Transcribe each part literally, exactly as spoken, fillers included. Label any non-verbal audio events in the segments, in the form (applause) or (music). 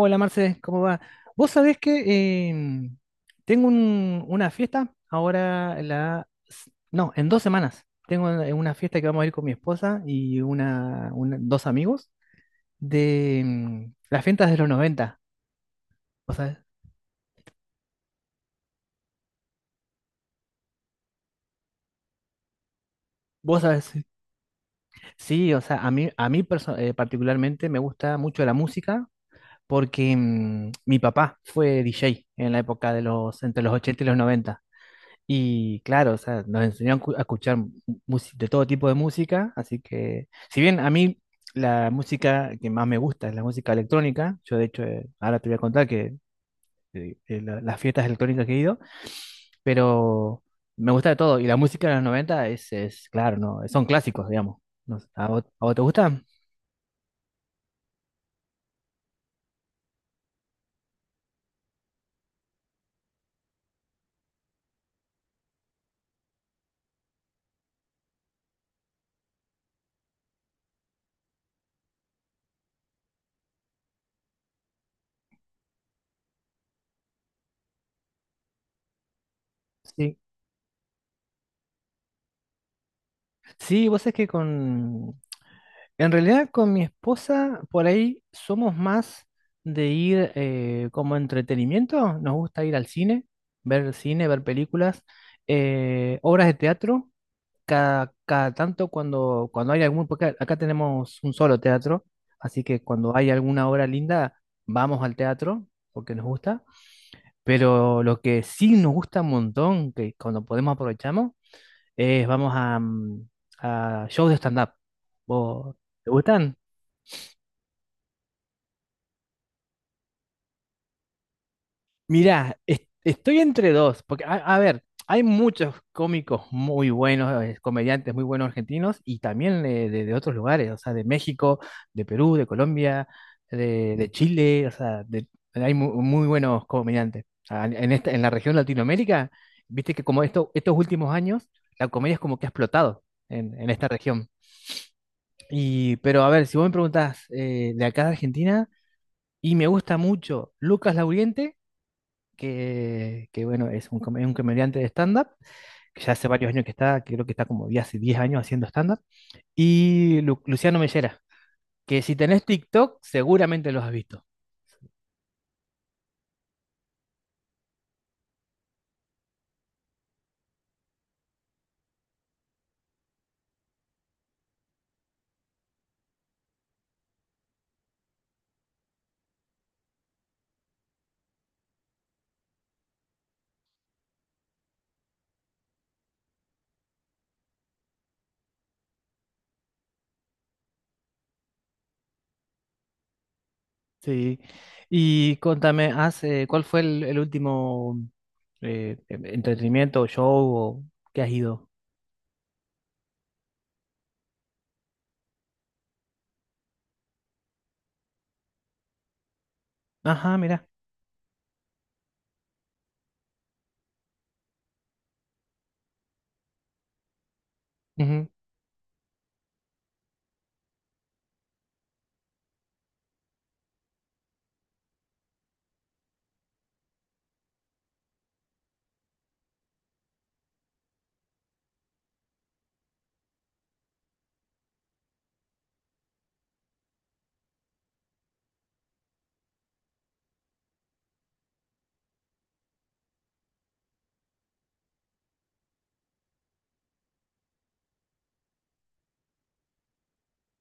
Hola Marce, ¿cómo va? Vos sabés que em, tengo un- una fiesta ahora, la, s- no, en dos semanas. Tengo una una fiesta que vamos a ir con mi esposa y una, una- dos amigos de em, las fiestas de los noventa. O sea, vos sabés, sí. Sí, o sea, a mí, a mí perso- eh, particularmente me gusta mucho la música porque em, mi papá fue D J en la época de los, entre los ochenta y los noventa. Y claro, o sea, nos enseñaron cu- a escuchar mu- mús- de todo tipo de música, así que, si bien a mí la música que más me gusta es la música electrónica, yo de hecho, eh, ahora te voy a contar que eh, eh, la- las fiestas electrónicas que he ido, pero me gusta de todo, y la música de los noventa es, es claro, no, son clásicos, digamos. No sé, ¿A vos, a vos te gusta? Sí, sí, vos es que con, en realidad con mi esposa por ahí somos más de ir, eh, como entretenimiento. Nos gusta ir al cine, ver cine, ver películas, eh, obras de teatro, cada, cada tanto cuando, cuando hay algún, porque acá tenemos un solo teatro, así que cuando hay alguna obra linda vamos al teatro porque nos gusta. Pero lo que sí nos gusta un montón, que cuando podemos aprovechamos, es vamos a, mm, a shows de stand-up. ¿Vos- ¿Te gustan? Mirá, es- estoy entre dos, porque a, a ver, hay muchos cómicos muy buenos, eh, comediantes muy buenos argentinos y también eh, de, de otros lugares, o sea, de México, de Perú, de Colombia, de, de Chile, o sea, de- hay mu- muy buenos comediantes. O sea, en esta, en la región Latinoamérica, viste que como esto, estos últimos años, la comedia es como que ha explotado en, en esta región. Y, pero a ver, si vos me preguntás eh, de acá de Argentina, y me gusta mucho Lucas Lauriente que, que, bueno, es un, com- es un comediante de stand-up, que ya hace varios años que está, que creo que está como ya hace diez años haciendo stand-up, y Lu- Luciano Mellera, que si tenés TikTok seguramente los has visto. Sí. Y contame, hace ¿cuál fue el, el último eh, entretenimiento, show o que has ido? Ajá, mira.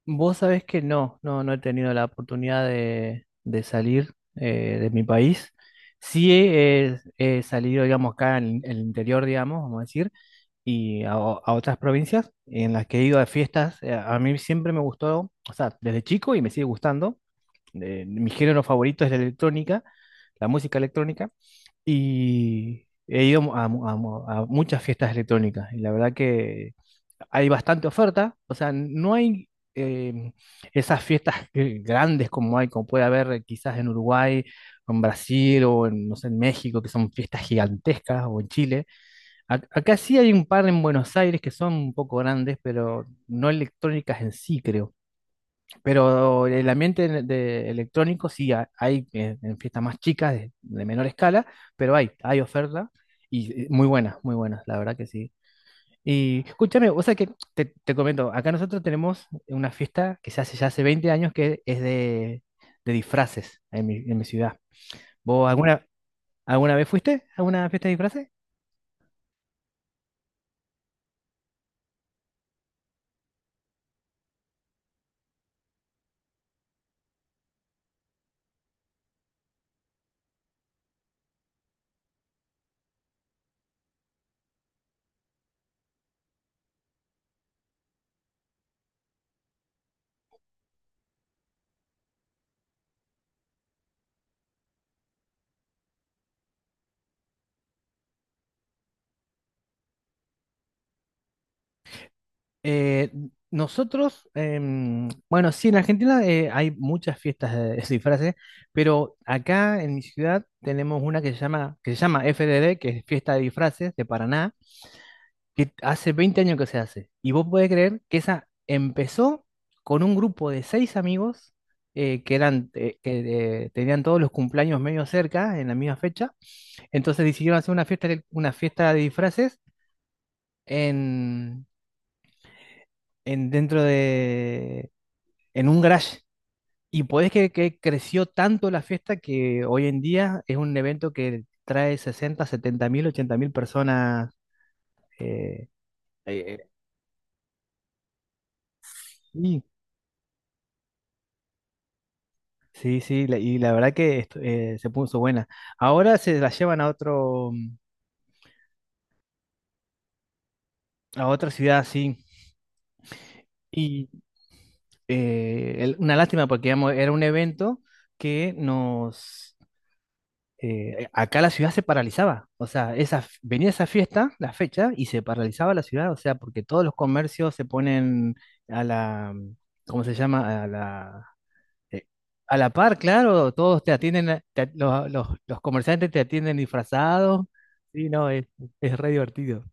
Vos sabés que no, no, no he tenido la oportunidad de, de salir eh, de mi país. Sí, he, he salido, digamos, acá en, el interior, digamos, vamos a decir, y a, o- a otras provincias en las que he ido a fiestas. Eh, A mí siempre me gustó, o sea, desde chico y me sigue gustando. Eh, mi género favorito es la electrónica, la música electrónica, y he ido a, mu- a mu- a muchas fiestas electrónicas. Y la verdad que hay bastante oferta, o sea, no hay eh, esas fiestas (laughs) eh, grandes como hay, como puede haber eh, quizás en Uruguay, o en Brasil o en, no sé, en México, que son fiestas gigantescas, o en Chile. Ac- acá sí hay un par en Buenos Aires que son un poco grandes, pero no electrónicas en sí, creo. Pero el ambiente de, de electrónico sí ha- hay, eh, en, fiestas más chicas, de, de menor escala, pero hay, hay oferta. Y eh, muy buenas, muy buenas, la verdad que sí. Y escúchame, o sea que te, te comento, acá nosotros tenemos una fiesta que se hace ya hace veinte años que es de, de disfraces en mi, en mi ciudad. ¿Vos alguna, alguna vez fuiste a una fiesta de disfraces? Eh, Nosotros, em, bueno, sí, en Argentina eh, hay muchas fiestas de, de disfraces, pero acá en mi ciudad tenemos una que se llama, que se llama F D D, que es Fiesta de Disfraces de Paraná que hace veinte años que se hace. Y vos podés creer que esa empezó con un grupo de seis amigos eh, que eran, eh, que eh, tenían todos los cumpleaños medio cerca, en la misma fecha. Entonces decidieron hacer una fiesta, de- una fiesta de disfraces en, en dentro de, en un garage. Y podés creer que creció tanto la fiesta que hoy en día es un evento que trae sesenta, setenta mil, ochenta mil personas. eh, Eh, eh, Sí, sí, la- y la verdad que estu- eh, se puso buena. Ahora se la llevan a otro, a otra ciudad, sí. Y eh, el- una lástima porque digamos, era un evento que nos. Eh, acá la ciudad se paralizaba. O sea, esa, f- venía esa fiesta, la fecha, y se paralizaba la ciudad. O sea, porque todos los comercios se ponen a la. ¿Cómo se llama? Eh, A la par, claro, todos te atienden, eh, te at- los, los- los comerciantes te atienden disfrazados. Sí, no, es, es re divertido.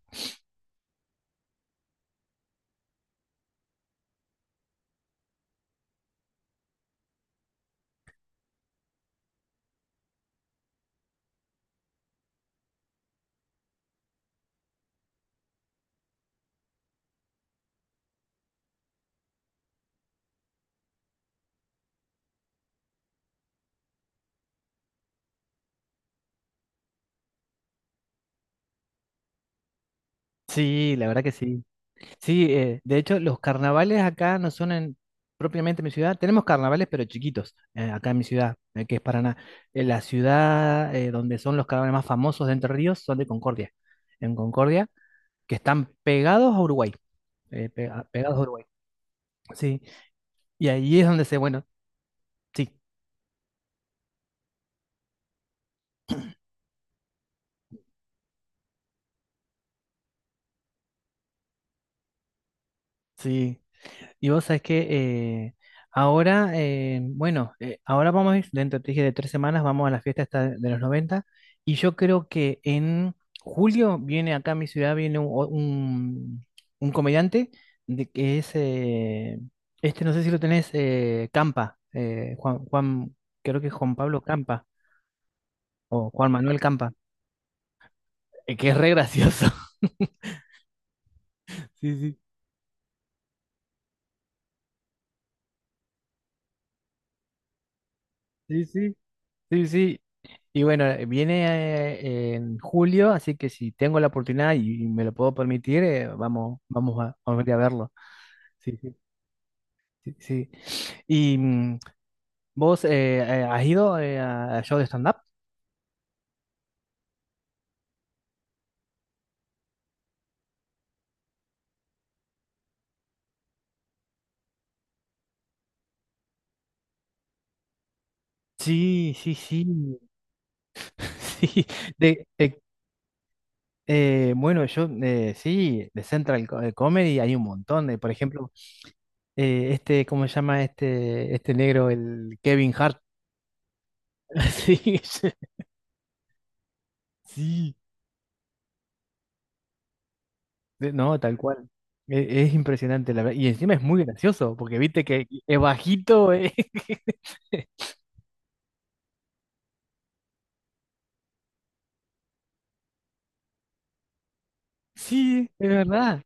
Sí, la verdad que sí. Sí, eh, de hecho, los carnavales acá no son en, propiamente en mi ciudad. Tenemos carnavales, pero chiquitos, eh, acá en mi ciudad, eh, que es Paraná. Eh, la ciudad eh, donde son los carnavales más famosos de Entre Ríos son de Concordia. En Concordia, que están pegados a Uruguay. Eh, pega- pegados a Uruguay. Sí. Y ahí es donde se, bueno, sí, sí. Y vos sabés que eh, ahora, eh, bueno, eh, ahora vamos a ir, dentro te dije, de tres semanas, vamos a la fiesta esta de los noventa. Y yo creo que en julio viene acá a mi ciudad, viene un, un- un comediante de, que es, eh, este no sé si lo tenés, eh, Campa, eh, Juan, Juan, creo que es Juan Pablo Campa o Juan Manuel Campa, eh, que es re gracioso. (laughs) Sí, sí. Sí, sí. Sí, sí. Y bueno, eh, viene eh, en julio, así que si tengo la oportunidad y, y me lo puedo permitir, eh, vamos, vamos a, vamos a ir a verlo. Sí, sí, sí, sí. ¿Y mm, vos eh, eh, has ido eh, a a show de stand-up? Sí, sí, sí. (laughs) Sí. De, de- eh, bueno, yo eh, sí, de Central Co- eh, Comedy hay un montón de, por ejemplo, eh, este, ¿cómo se llama este, este negro, el Kevin Hart? (laughs) Sí, sí. Eh, No, tal cual. E- Es, impresionante, la verdad. Y encima es muy gracioso, porque viste que es bajito. eh. (laughs) Sí, es verdad.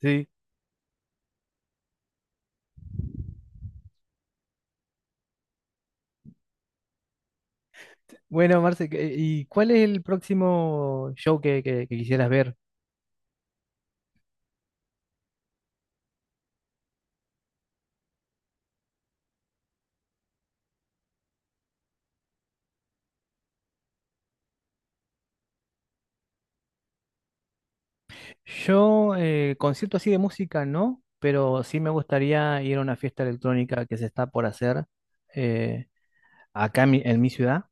Sí. Bueno, Marce, ¿qué- ¿y cuál es el próximo show que, que- que quisieras ver? Yo, eh, concierto así de música, no, pero sí me gustaría ir a una fiesta electrónica que se está por hacer eh, acá en mi, en mi ciudad,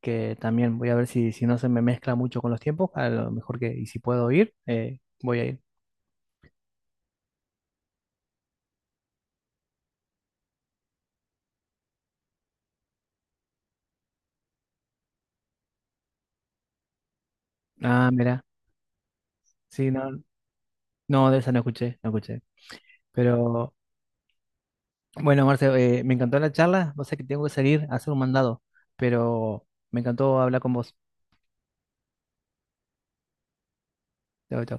que también voy a ver si, si no se me mezcla mucho con los tiempos, a lo mejor que, y si puedo ir, eh, voy a ir. Ah, mira. Sí, no, no, de esa no escuché, no escuché. Pero bueno, Marcelo, eh, me encantó la charla. Vos sabés que tengo que salir a hacer un mandado, pero me encantó hablar con vos. Chau, chau.